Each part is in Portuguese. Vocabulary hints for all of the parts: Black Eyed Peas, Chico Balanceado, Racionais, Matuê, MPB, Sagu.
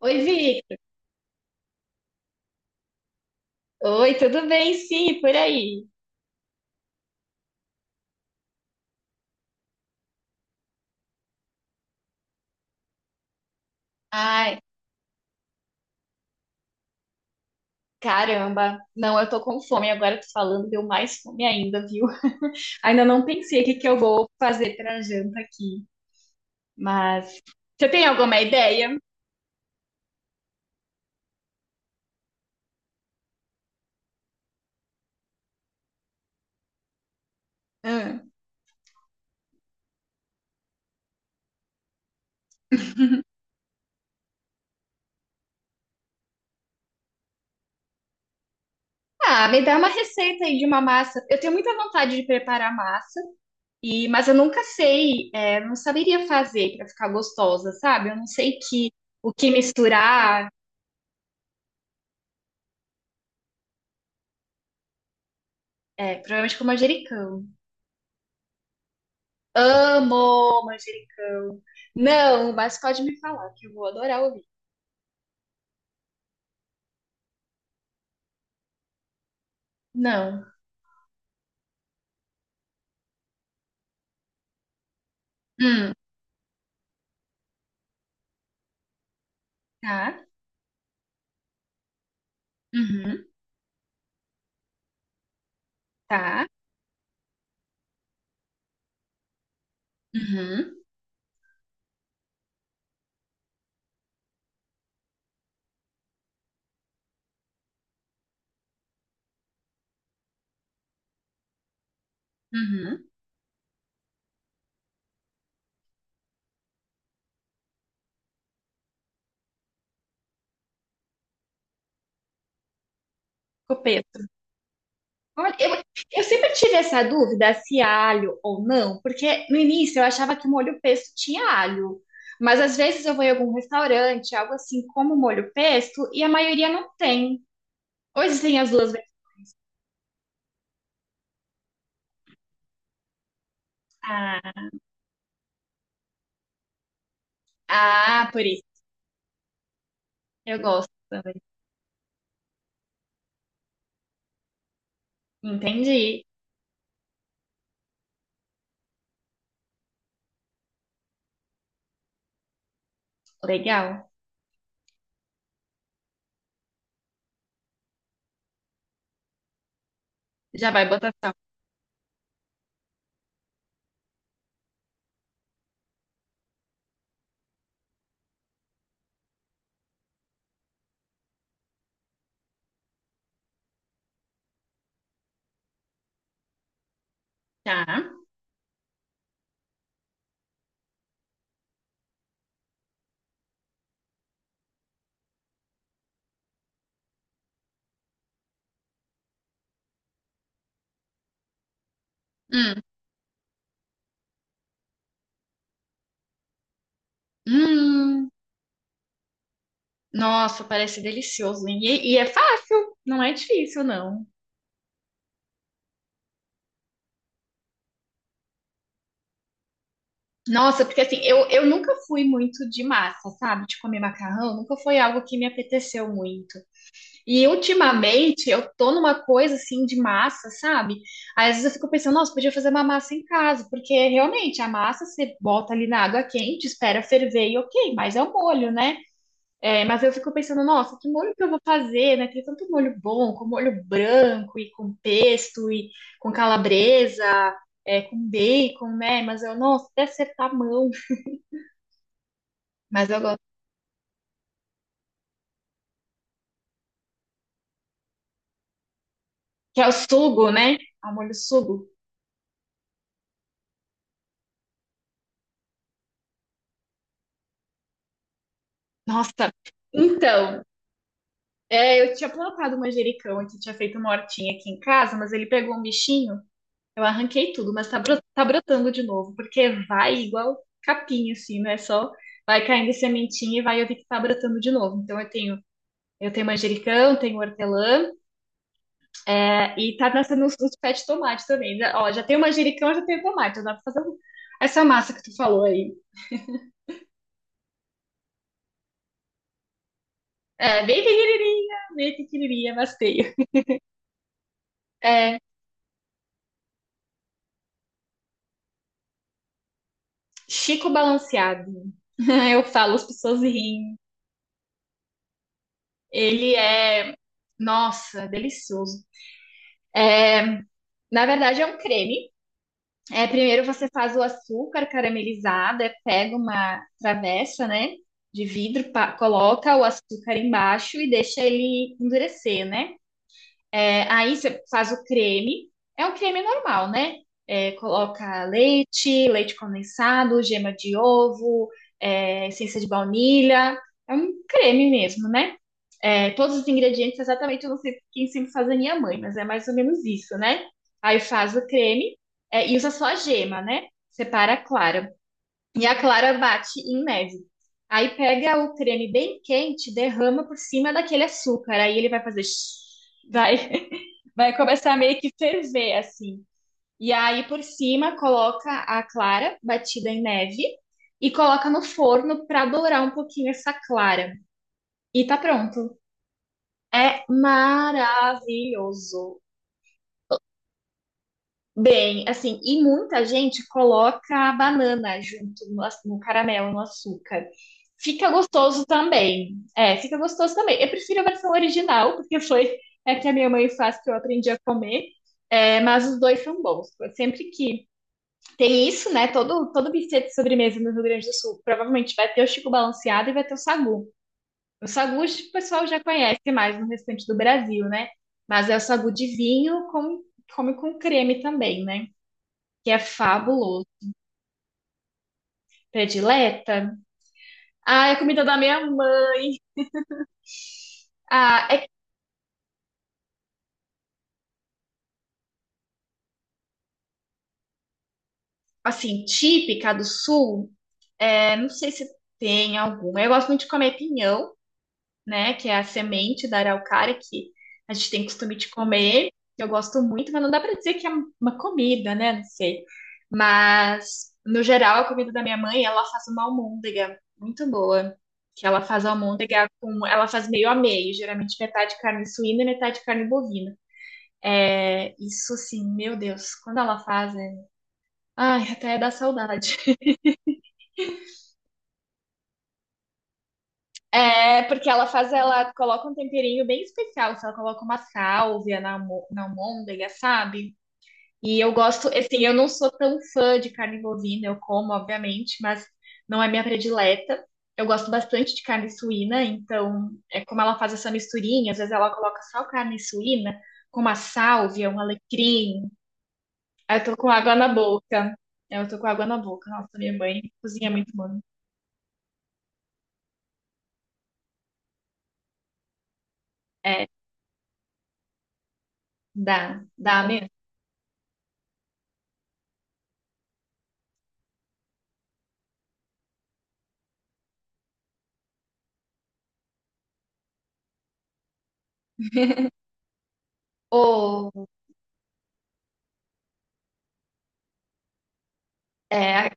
Oi, Victor. Oi, tudo bem? Sim, e por aí. Ai, caramba. Não, eu tô com fome. Agora tô falando, deu mais fome ainda, viu? Ainda não pensei o que que eu vou fazer pra janta aqui. Mas você tem alguma ideia? Hum. Ah, me dá uma receita aí de uma massa. Eu tenho muita vontade de preparar massa, mas eu nunca sei, não saberia fazer pra ficar gostosa, sabe? Eu não sei que o que misturar, provavelmente com manjericão. Amo manjericão. Não, mas pode me falar que eu vou adorar ouvir. Não. Hum, tá. Uhum, tá. Uhum, uhum. Copeto. Olha, eu sempre tive essa dúvida se há alho ou não, porque no início eu achava que o molho pesto tinha alho. Mas às vezes eu vou em algum restaurante, algo assim como molho pesto, e a maioria não tem. Ou existem as duas versões. Ah, ah, por isso. Eu gosto também. Entendi. Legal. Já vai botar. Tá. Hum. Hum. Nossa, parece delicioso, hein? E é fácil, não é difícil, não. Nossa, porque assim, eu nunca fui muito de massa, sabe? De comer macarrão, nunca foi algo que me apeteceu muito. E ultimamente eu tô numa coisa assim de massa, sabe? Aí, às vezes eu fico pensando, nossa, podia fazer uma massa em casa, porque realmente a massa você bota ali na água quente, espera ferver e ok, mas é o molho, né? É, mas eu fico pensando, nossa, que molho que eu vou fazer, né? Tem tanto molho bom, com molho branco e com pesto e com calabresa, com bacon, né? Mas eu, nossa, até acertar a mão. Mas eu gosto. Que é o sugo, né? É o molho sugo. Nossa. Então, eu tinha plantado manjericão aqui, tinha feito uma hortinha aqui em casa, mas ele pegou um bichinho. Eu arranquei tudo, mas tá, tá brotando de novo, porque vai igual capinha, assim, não é só vai caindo sementinha e vai eu vi que tá brotando de novo. Então eu tenho manjericão, tenho hortelã, e tá nascendo uns pés de tomate também. Ó, já tenho manjericão, já tenho tomate, já dá pra fazer essa massa que tu falou aí. É, bem pequenininha, mas tenho. É, Chico Balanceado. Eu falo, as pessoas riem. Ele é, nossa, delicioso. É, na verdade, é um creme. É, primeiro você faz o açúcar caramelizado, pega uma travessa, né, de vidro, coloca o açúcar embaixo e deixa ele endurecer, né? É, aí você faz o creme, é um creme normal, né? É, coloca leite, leite condensado, gema de ovo, essência de baunilha, é um creme mesmo, né? É, todos os ingredientes, exatamente, eu não sei quem sempre faz a minha mãe, mas é mais ou menos isso, né? Aí faz o creme, e usa só a gema, né? Separa a clara. E a clara bate em neve. Aí pega o creme bem quente, derrama por cima daquele açúcar. Aí ele vai fazer shhh, vai, vai começar a meio que ferver, assim. E aí por cima coloca a clara batida em neve e coloca no forno para dourar um pouquinho essa clara. E tá pronto. É maravilhoso. Bem, assim, e muita gente coloca a banana junto no caramelo, no açúcar. Fica gostoso também. É, fica gostoso também. Eu prefiro a versão original, porque foi é que a minha mãe faz que eu aprendi a comer. É, mas os dois são bons. Sempre que tem isso, né? Todo buffet de sobremesa no Rio Grande do Sul provavelmente vai ter o Chico Balanceado e vai ter o Sagu. O sagu o pessoal já conhece mais no restante do Brasil, né? Mas é o sagu de vinho, com, come com creme também, né? Que é fabuloso. Predileta. Ah, é a comida da minha mãe. Ah, é assim, típica do sul. É, não sei se tem alguma. Eu gosto muito de comer pinhão, né? Que é a semente da araucária que a gente tem costume de comer, que eu gosto muito, mas não dá para dizer que é uma comida, né? Não sei. Mas, no geral, a comida da minha mãe, ela faz uma almôndega muito boa. Que ela faz almôndega com. Ela faz meio a meio, geralmente metade carne suína e metade carne bovina. É, isso sim, meu Deus, quando ela faz, é... Ai, até dá saudade. É, porque ela faz, ela coloca um temperinho bem especial, se ela coloca uma sálvia na, na almôndega, sabe? E eu gosto, assim, eu não sou tão fã de carne bovina, eu como, obviamente, mas não é minha predileta. Eu gosto bastante de carne suína, então é como ela faz essa misturinha, às vezes ela coloca só carne suína com uma sálvia, um alecrim. Aí eu tô com água na boca. É, eu tô com água na boca. Nossa, minha mãe cozinha muito bom. É, dá, dá mesmo. Ô, é,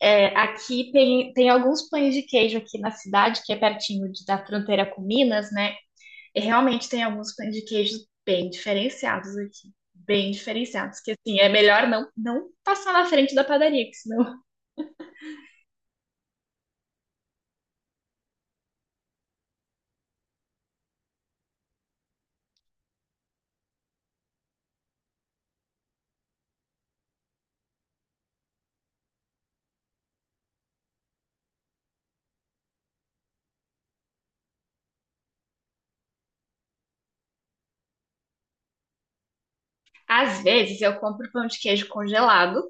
é, aqui tem alguns pães de queijo aqui na cidade, que é pertinho da fronteira com Minas, né? E realmente tem alguns pães de queijo bem diferenciados aqui. Bem diferenciados, que assim, é melhor não passar na frente da padaria, que senão. Às vezes eu compro pão de queijo congelado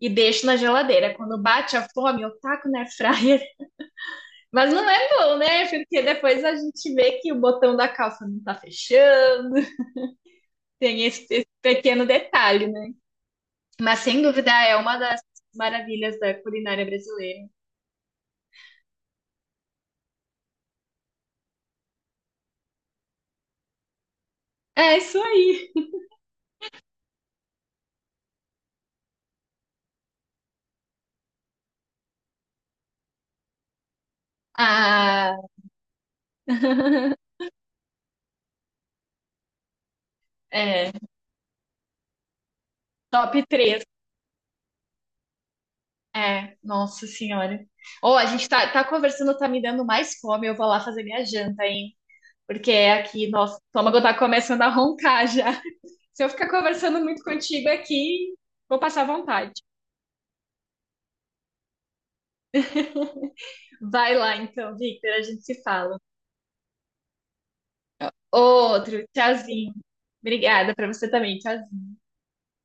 e deixo na geladeira. Quando bate a fome, eu taco na airfryer. Mas não é bom, né? Porque depois a gente vê que o botão da calça não tá fechando, tem esse pequeno detalhe. Mas sem dúvida é uma das maravilhas da culinária brasileira. É isso aí. Ah, é, top três. É, nossa senhora. Ou a gente tá conversando, tá me dando mais fome. Eu vou lá fazer minha janta, hein? Porque é aqui, nossa, o estômago tá começando a roncar já. Se eu ficar conversando muito contigo aqui, vou passar vontade. Vai lá então, Victor, a gente se fala. Outro, tchauzinho. Obrigada pra você também, tchauzinho.